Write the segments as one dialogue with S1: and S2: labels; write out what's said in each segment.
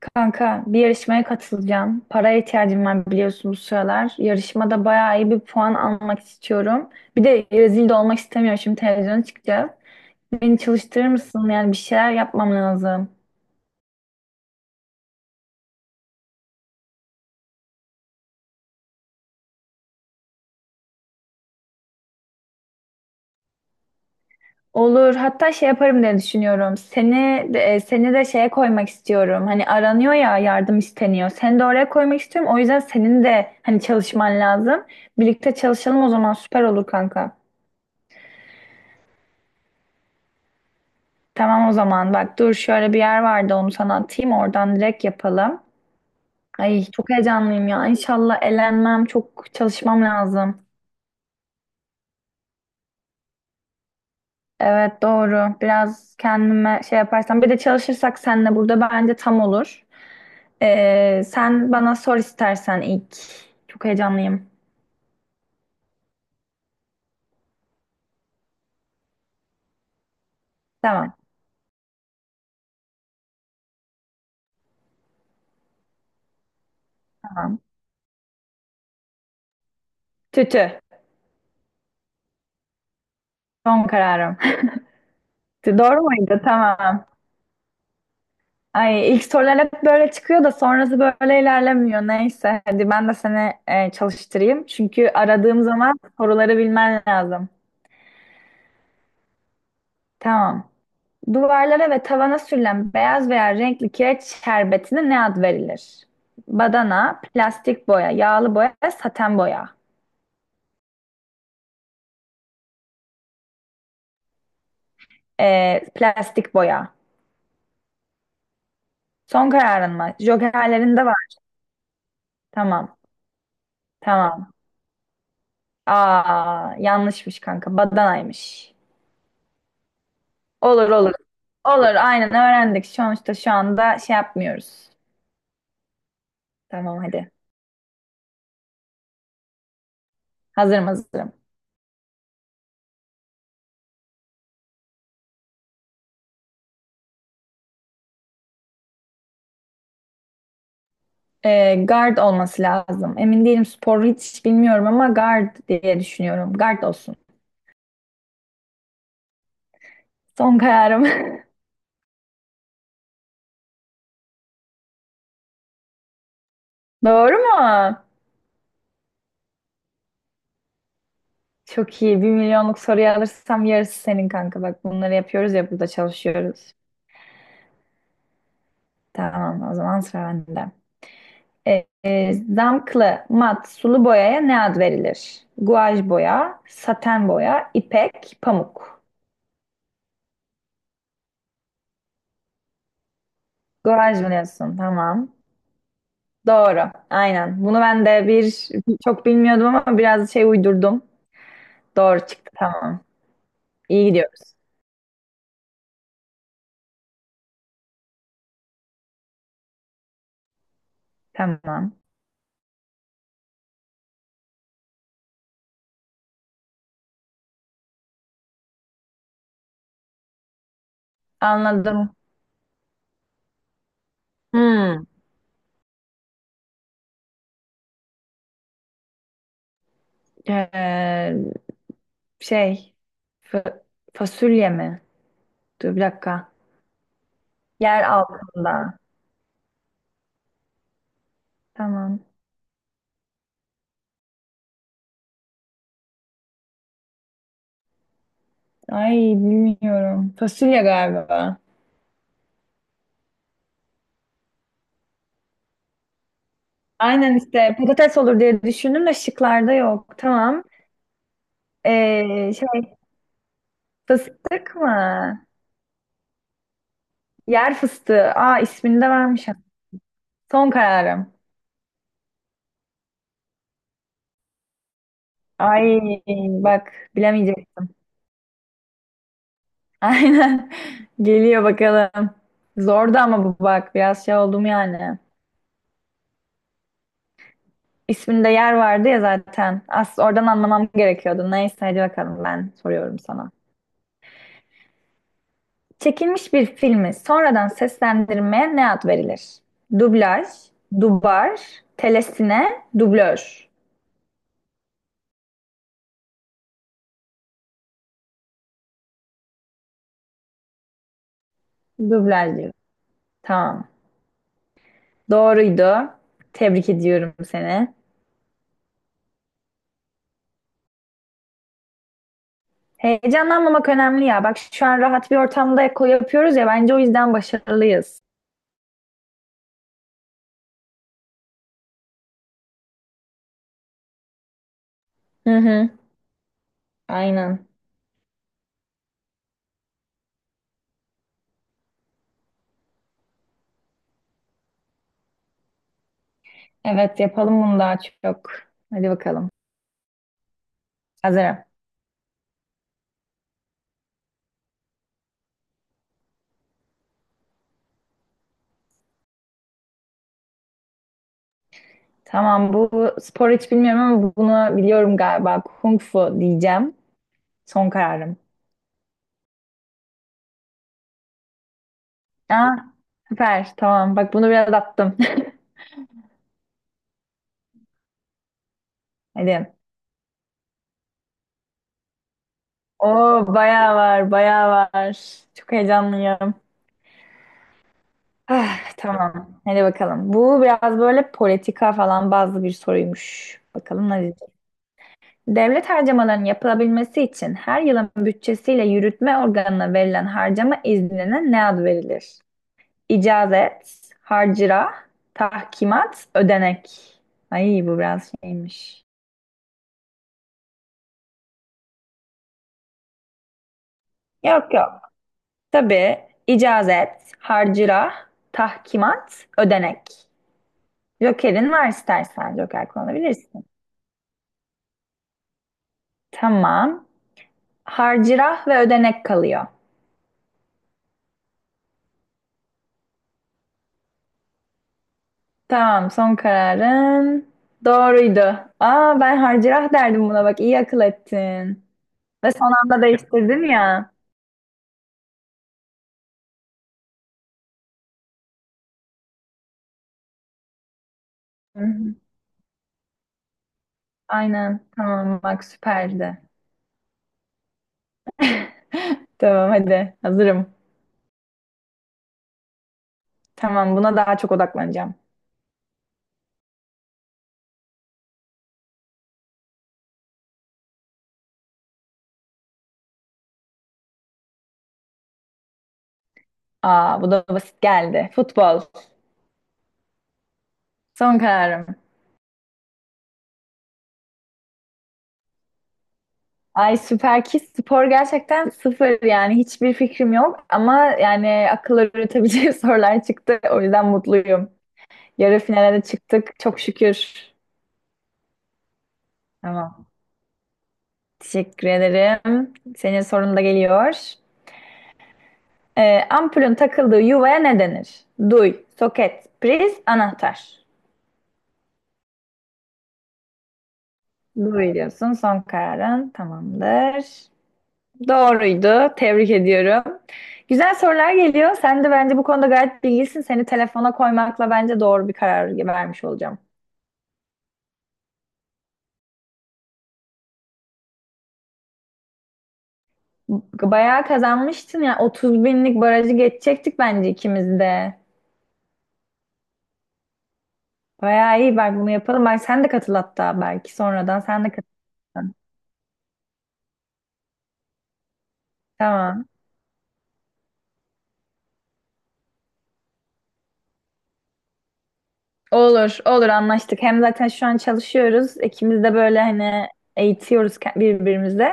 S1: Kanka bir yarışmaya katılacağım. Paraya ihtiyacım var biliyorsun bu sıralar. Yarışmada bayağı iyi bir puan almak istiyorum. Bir de rezil de olmak istemiyorum. Şimdi televizyona çıkacağız. Beni çalıştırır mısın? Yani bir şeyler yapmam lazım. Olur. Hatta şey yaparım diye düşünüyorum. Seni de, seni de şeye koymak istiyorum. Hani aranıyor ya yardım isteniyor. Seni de oraya koymak istiyorum. O yüzden senin de hani çalışman lazım. Birlikte çalışalım o zaman süper olur kanka. Tamam o zaman bak dur şöyle bir yer vardı onu sana atayım oradan direkt yapalım. Ay çok heyecanlıyım ya. İnşallah elenmem, çok çalışmam lazım. Evet doğru, biraz kendime şey yaparsam bir de çalışırsak seninle burada bence tam olur. Sen bana sor istersen ilk. Çok heyecanlıyım. Tamam tamam. Tütü son kararım. Doğru muydu? Tamam. Ay ilk sorular hep böyle çıkıyor da sonrası böyle ilerlemiyor. Neyse hadi ben de seni çalıştırayım. Çünkü aradığım zaman soruları bilmen lazım. Tamam. Duvarlara ve tavana sürülen beyaz veya renkli kireç şerbetine ne ad verilir? Badana, plastik boya, yağlı boya, saten boya. Plastik boya. Son kararın mı? Jokerlerin de var. Tamam. Tamam. Aa yanlışmış kanka. Badanaymış. Olur olur. Olur aynen öğrendik. Sonuçta şu anda şey yapmıyoruz. Tamam hadi. Hazırım hazırım. Guard olması lazım. Emin değilim, spor hiç bilmiyorum ama guard diye düşünüyorum. Guard olsun. Son kararım. Doğru mu? Çok iyi. Bir milyonluk soruyu alırsam yarısı senin kanka. Bak bunları yapıyoruz ya, burada çalışıyoruz. Tamam o zaman sıra bende. Zamklı, mat, sulu boyaya ne ad verilir? Guaj boya, saten boya, ipek, pamuk. Guaj mı diyorsun? Tamam. Doğru. Aynen. Bunu ben de bir çok bilmiyordum ama biraz şey uydurdum. Doğru çıktı. Tamam. İyi gidiyoruz. Tamam. Anladım. Hmm. Ee, Şey fa- fasulye mi? Dur bir dakika. Yer altında. Tamam. Ay bilmiyorum. Fasulye galiba. Aynen işte patates olur diye düşündüm de şıklarda yok. Tamam. Şey fıstık mı? Yer fıstığı. Aa ismini de vermişim. Son kararım. Ay bak bilemeyecektim. Aynen. Geliyor bakalım. Zordu ama bu bak biraz şey oldum yani. İsminde yer vardı ya zaten. Aslında oradan anlamam gerekiyordu. Neyse hadi bakalım ben soruyorum sana. Çekilmiş bir filmi sonradan seslendirmeye ne ad verilir? Dublaj, dubar, telesine, dublör. Dublaj diyor. Tamam. Doğruydu. Tebrik ediyorum seni. Heyecanlanmamak önemli ya. Bak şu an rahat bir ortamda eko yapıyoruz ya, bence o yüzden başarılıyız. Hı hı, aynen. Evet yapalım bunu daha çok. Hadi bakalım. Hazırım. Tamam bu spor hiç bilmiyorum ama bunu biliyorum galiba. Kung fu diyeceğim. Son kararım. Aa, süper. Tamam. Bak bunu biraz attım. Hadi. Oo bayağı var, bayağı var. Çok heyecanlıyım. Ah, tamam. Hadi bakalım. Bu biraz böyle politika falan bazı bir soruymuş. Bakalım ne. Devlet harcamalarının yapılabilmesi için her yılın bütçesiyle yürütme organına verilen harcama iznine ne ad verilir? İcazet, harcırah, tahkimat, ödenek. Ay bu biraz şeymiş. Yok yok. Tabii icazet, harcırah, tahkimat, ödenek. Joker'in var, istersen Joker kullanabilirsin. Tamam. Harcırah ve ödenek kalıyor. Tamam, son kararın doğruydu. Aa, ben harcırah derdim buna bak, iyi akıl ettin. Ve son anda değiştirdin ya. Hı hı. Aynen, tamam bak süperdi. Tamam hadi, hazırım. Tamam, buna daha çok odaklanacağım. Aa, bu da basit geldi. Futbol, son kararım. Ay süper ki spor gerçekten sıfır yani hiçbir fikrim yok ama yani akılları üretebileceği sorular çıktı o yüzden mutluyum. Yarı finale de çıktık çok şükür. Tamam. Teşekkür ederim. Senin sorun da geliyor. Ampulün takıldığı yuvaya ne denir? Duy, soket, priz, anahtar. Duy diyorsun. Son kararın tamamdır. Doğruydu. Tebrik ediyorum. Güzel sorular geliyor. Sen de bence bu konuda gayet bilgilisin. Seni telefona koymakla bence doğru bir karar vermiş olacağım. Bayağı kazanmıştın ya. 30 binlik barajı geçecektik bence ikimiz de. Bayağı iyi. Bak bunu yapalım. Bak sen de katıl, hatta belki sonradan sen de katıl. Tamam. Olur, olur anlaştık. Hem zaten şu an çalışıyoruz. İkimiz de böyle hani eğitiyoruz ke- birbirimizi.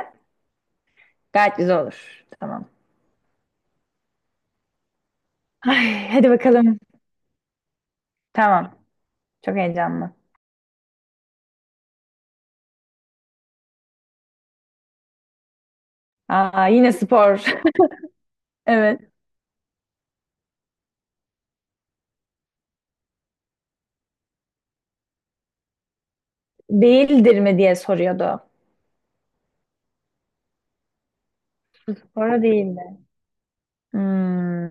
S1: Gayet güzel olur. Tamam. Ay, hadi bakalım. Tamam. Çok heyecanlı. Aa, yine spor. Evet. Değildir mi diye soruyordu. Doğru değildi. Hmm.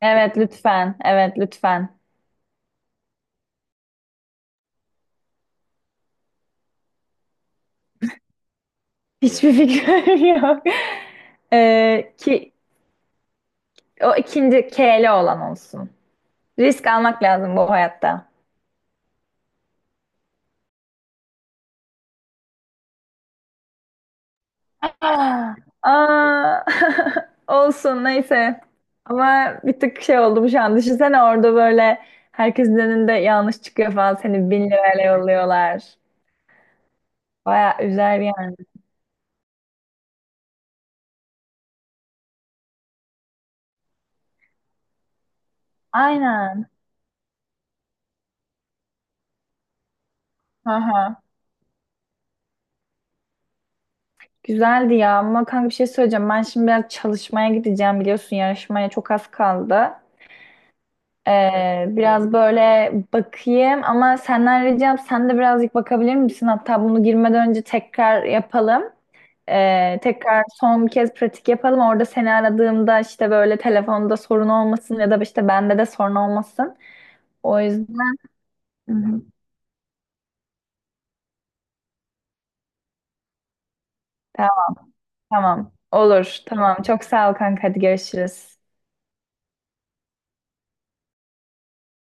S1: Evet lütfen. Evet lütfen. Hiçbir fikrim yok. Ki o ikinci K'li olan olsun. Risk almak lazım bu hayatta. Aa, aa. Olsun neyse. Ama bir tık şey oldum şu an. Düşünsene orada böyle herkesin önünde yanlış çıkıyor falan. Seni bin lirayla yolluyorlar. Baya üzer yani. Aynen. Aha. Güzeldi ya ama kanka bir şey söyleyeceğim. Ben şimdi biraz çalışmaya gideceğim, biliyorsun yarışmaya çok az kaldı. Biraz böyle bakayım ama senden ricam sen de birazcık bakabilir misin? Hatta bunu girmeden önce tekrar yapalım. Tekrar son bir kez pratik yapalım. Orada seni aradığımda işte böyle telefonda sorun olmasın ya da işte bende de sorun olmasın. O yüzden. Hı hı. Tamam tamam. Olur. Tamam. Çok sağ ol kanka. Hadi görüşürüz.